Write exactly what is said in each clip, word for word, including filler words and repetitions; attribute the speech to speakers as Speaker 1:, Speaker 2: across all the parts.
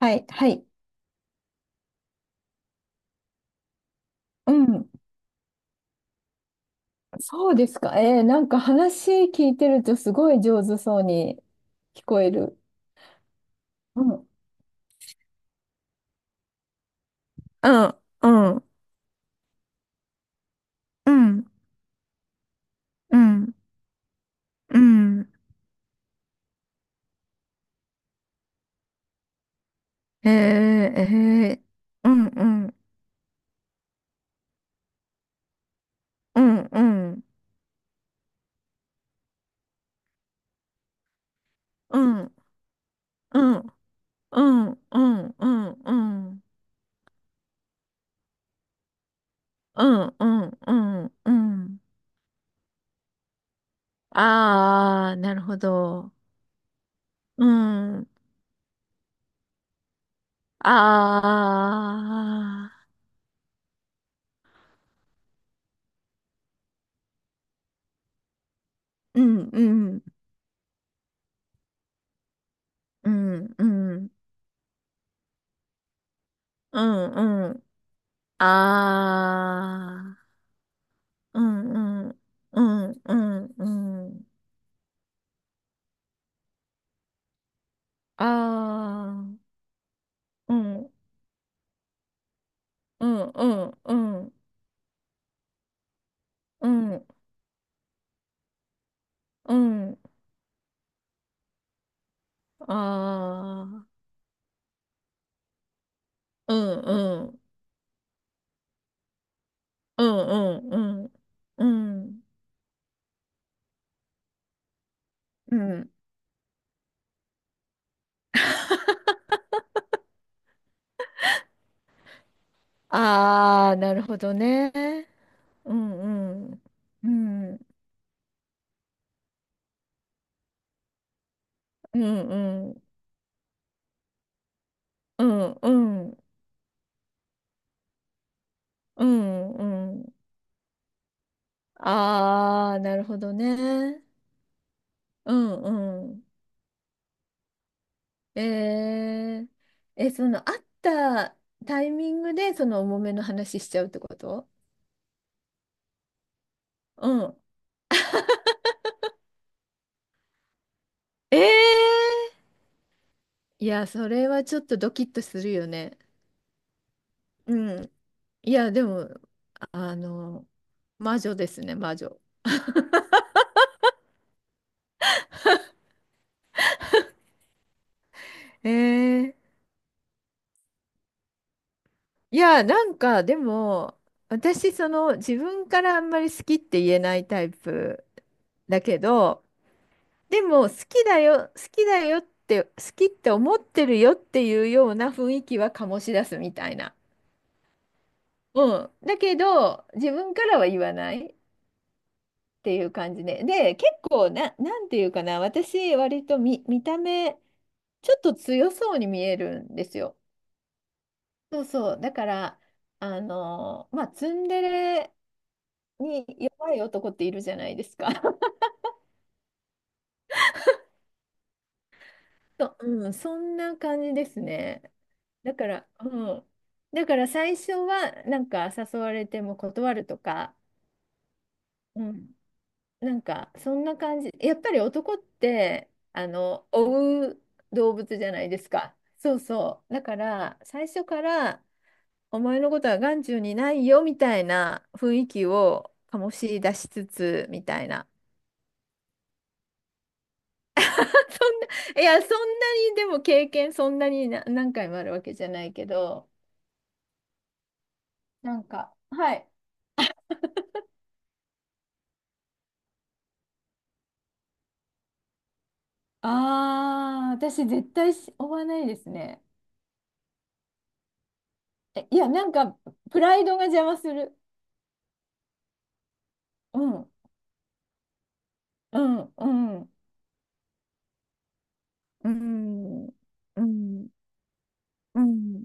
Speaker 1: はい、はい。うん。そうですか。えー、なんか話聞いてるとすごい上手そうに聞こえる。うん。うん、うん、うん、うん、うん。えー、えー、うん、うん、うん、うん、うん、うん、うん、うん、うん、うん、うん、うん、うん。あー、なるほど。うん。あー、うん、うん、うん、うん、うん、うん、ああ、うんうん、うんうんうん。ああ、うんうんうんうんうんうんああ、うんうんうんうんうんうんああ、なるほどね。うんうんうんうんうんうんうんうんうんああ、なるほどね。うんうん。えー、え、その会ったタイミングでその重めの話しちゃうってこと？うん。ええ、いや、それはちょっとドキッとするよね。うん。いや、でも、あの、魔女ですね、魔女。えー、いや、なんか、でも、私、その、自分からあんまり好きって言えないタイプだけど、でも好きだよ、好きだよって、好きって思ってるよっていうような雰囲気は醸し出すみたいな。うん。だけど、自分からは言わないっていう感じで。で、結構な、なんていうかな、私、割と見、見た目、ちょっと強そうに見えるんですよ。そうそう。だから、あの、まあ、ツンデレに弱い男っているじゃないですか。そうん、そんな感じですね。だから、うん。だから最初は、なんか誘われても断るとか、うん。なんか、そんな感じ。やっぱり男って、あの、追う動物じゃないですか。そうそう。だから、最初から、お前のことは眼中にないよ、みたいな雰囲気を醸し出しつつ、みたいな。そんな、いや、そんなに、でも経験そんなにな何回もあるわけじゃないけど、なんか、はい。ああ、私絶対し追わないですね。え、いや、なんか、プライドが邪魔する。うん、うん、うん、うん、うん、うん、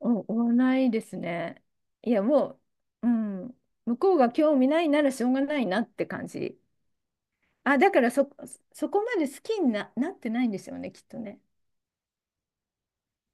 Speaker 1: お追わないですね。いや、もう、うん、向こうが興味ないならしょうがないなって感じ。あ、だからそ、そこまで好きにな、なってないんですよね、きっとね。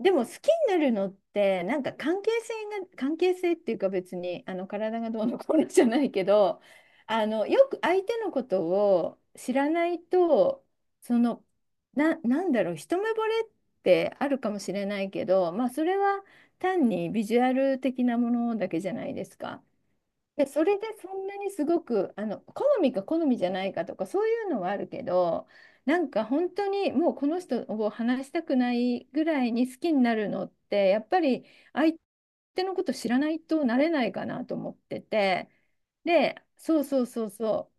Speaker 1: でも好きになるのってなんか関係性が関係性っていうか、別にあの体がどうのこうのじゃないけど、あのよく相手のことを知らないと、そのな、なんだろう、一目惚れってあるかもしれないけど、まあそれは単にビジュアル的なものだけじゃないですか。で、それでそんなにすごく、あの、好みか好みじゃないかとか、そういうのはあるけど、なんか本当にもうこの人を話したくないぐらいに好きになるのって、やっぱり相手のこと知らないとなれないかなと思ってて、で、そうそうそうそう。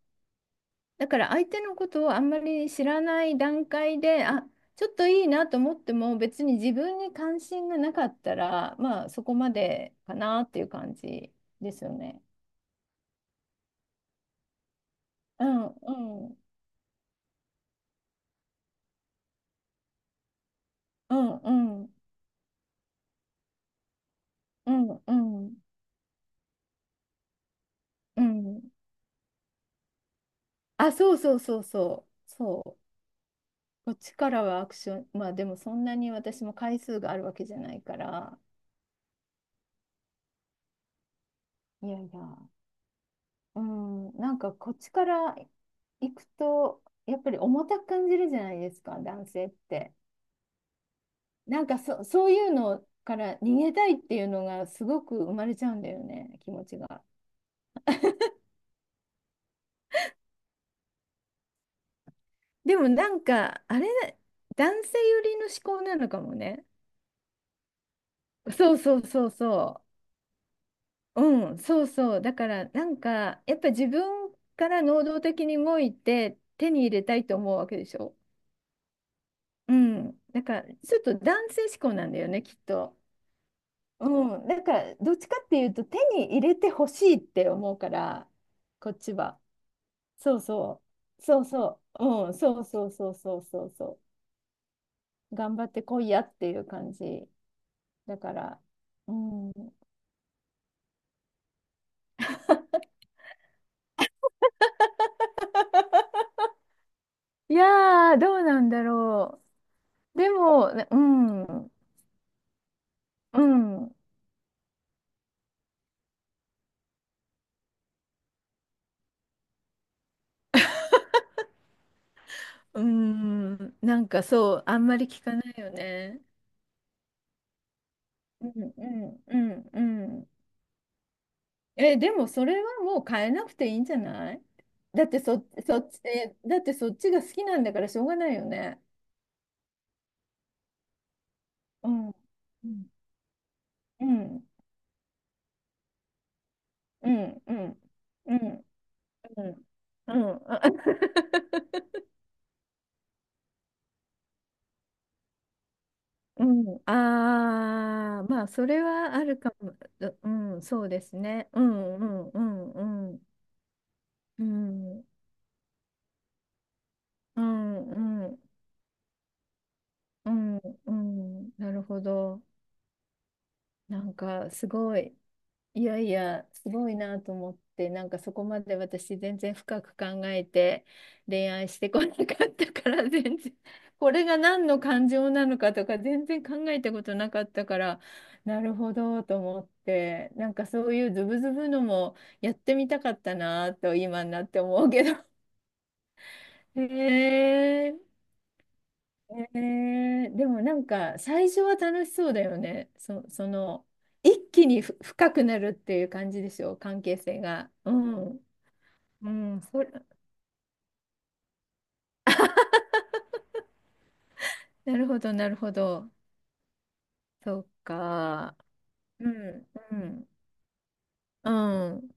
Speaker 1: だから相手のことをあんまり知らない段階で、あ、ちょっといいなと思っても、別に自分に関心がなかったら、まあそこまでかなっていう感じですよね。うんうんうんうんうんうんうん、あ、そうそうそうそうそう、こっちからはアクション、まあでもそんなに私も回数があるわけじゃないから、いやいや、うん、なんかこっちから行くとやっぱり重たく感じるじゃないですか、男性って。なんかそ、そういうのから逃げたいっていうのがすごく生まれちゃうんだよね、気持ちが。でもなんかあれ、男性寄りの思考なのかもね。そうそうそうそう。うん、そうそう。だからなんかやっぱ自分から能動的に動いて手に入れたいと思うわけでしょ。うん。だからちょっと男性志向なんだよね、きっと。うん。だからどっちかっていうと手に入れてほしいって思うから、こっちは。そうそう。そうそう。うん。そうそうそうそうそうそう。頑張ってこいやっていう感じ。だから。うん。いやー、どうなんだろう。でも、ね、うん、うん、うーん、なんかそう、あんまり聞かないよね。うん、うん、うん、うん。え、でもそれはもう変えなくていいんじゃない？だってそ、そっち、えだってそっちが好きなんだからしょうがないよね。うん、うん、うん、うん、うん、うん、うん。うん、ああ、まあ、それはあるかも。ううん、そうですね。うん、うん、うん、うん。うん、うん、うん、うん、うん、なるほど。なんかすごい、いやいや、すごいなと思って、なんかそこまで私全然深く考えて恋愛してこなかったから、全然、これが何の感情なのかとか全然考えたことなかったから、なるほどと思って、なんかそういうズブズブのもやってみたかったなと今になって思うけど。へえ、ねえ、でもなんか最初は楽しそうだよね。そ、その一気にふ深くなるっていう感じでしょ、関係性が。うん、うん、それ、なるほど、なるほど。そうか。うん、うん、うん、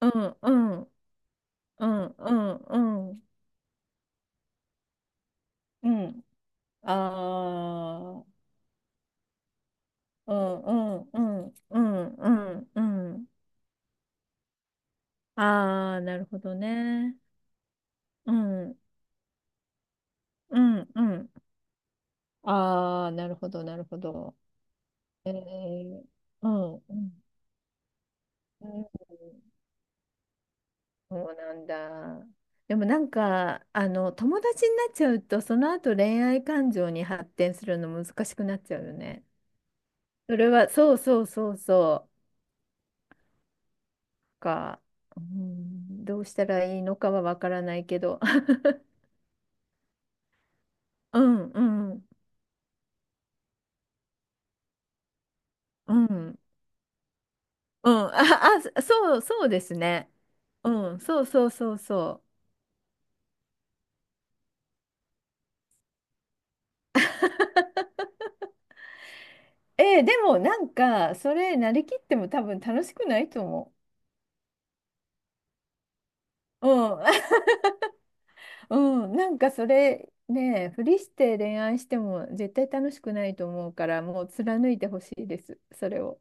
Speaker 1: うん、うん、うん、うん、うん、うんうん。ああ、うん、うん、うん、うん、うん、うん。ああ、なるほどね。うん、うん、うん。ああ、なるほど、なるほど。えー、うん、うん、うん、そうなんだ。でもなんか、あの、友達になっちゃうと、その後恋愛感情に発展するの難しくなっちゃうよね。それは、そうそうそうそう。か、うん、どうしたらいいのかはわからないけど。うん、うん、うん、うん。あ、あ、そう、そうですね。うん、そうそうそうそう。えーでもなんか、それ、なりきっても多分楽しくないと思う。うん。うん、なんかそれね、ふりして恋愛しても絶対楽しくないと思うから、もう貫いてほしいです、それを。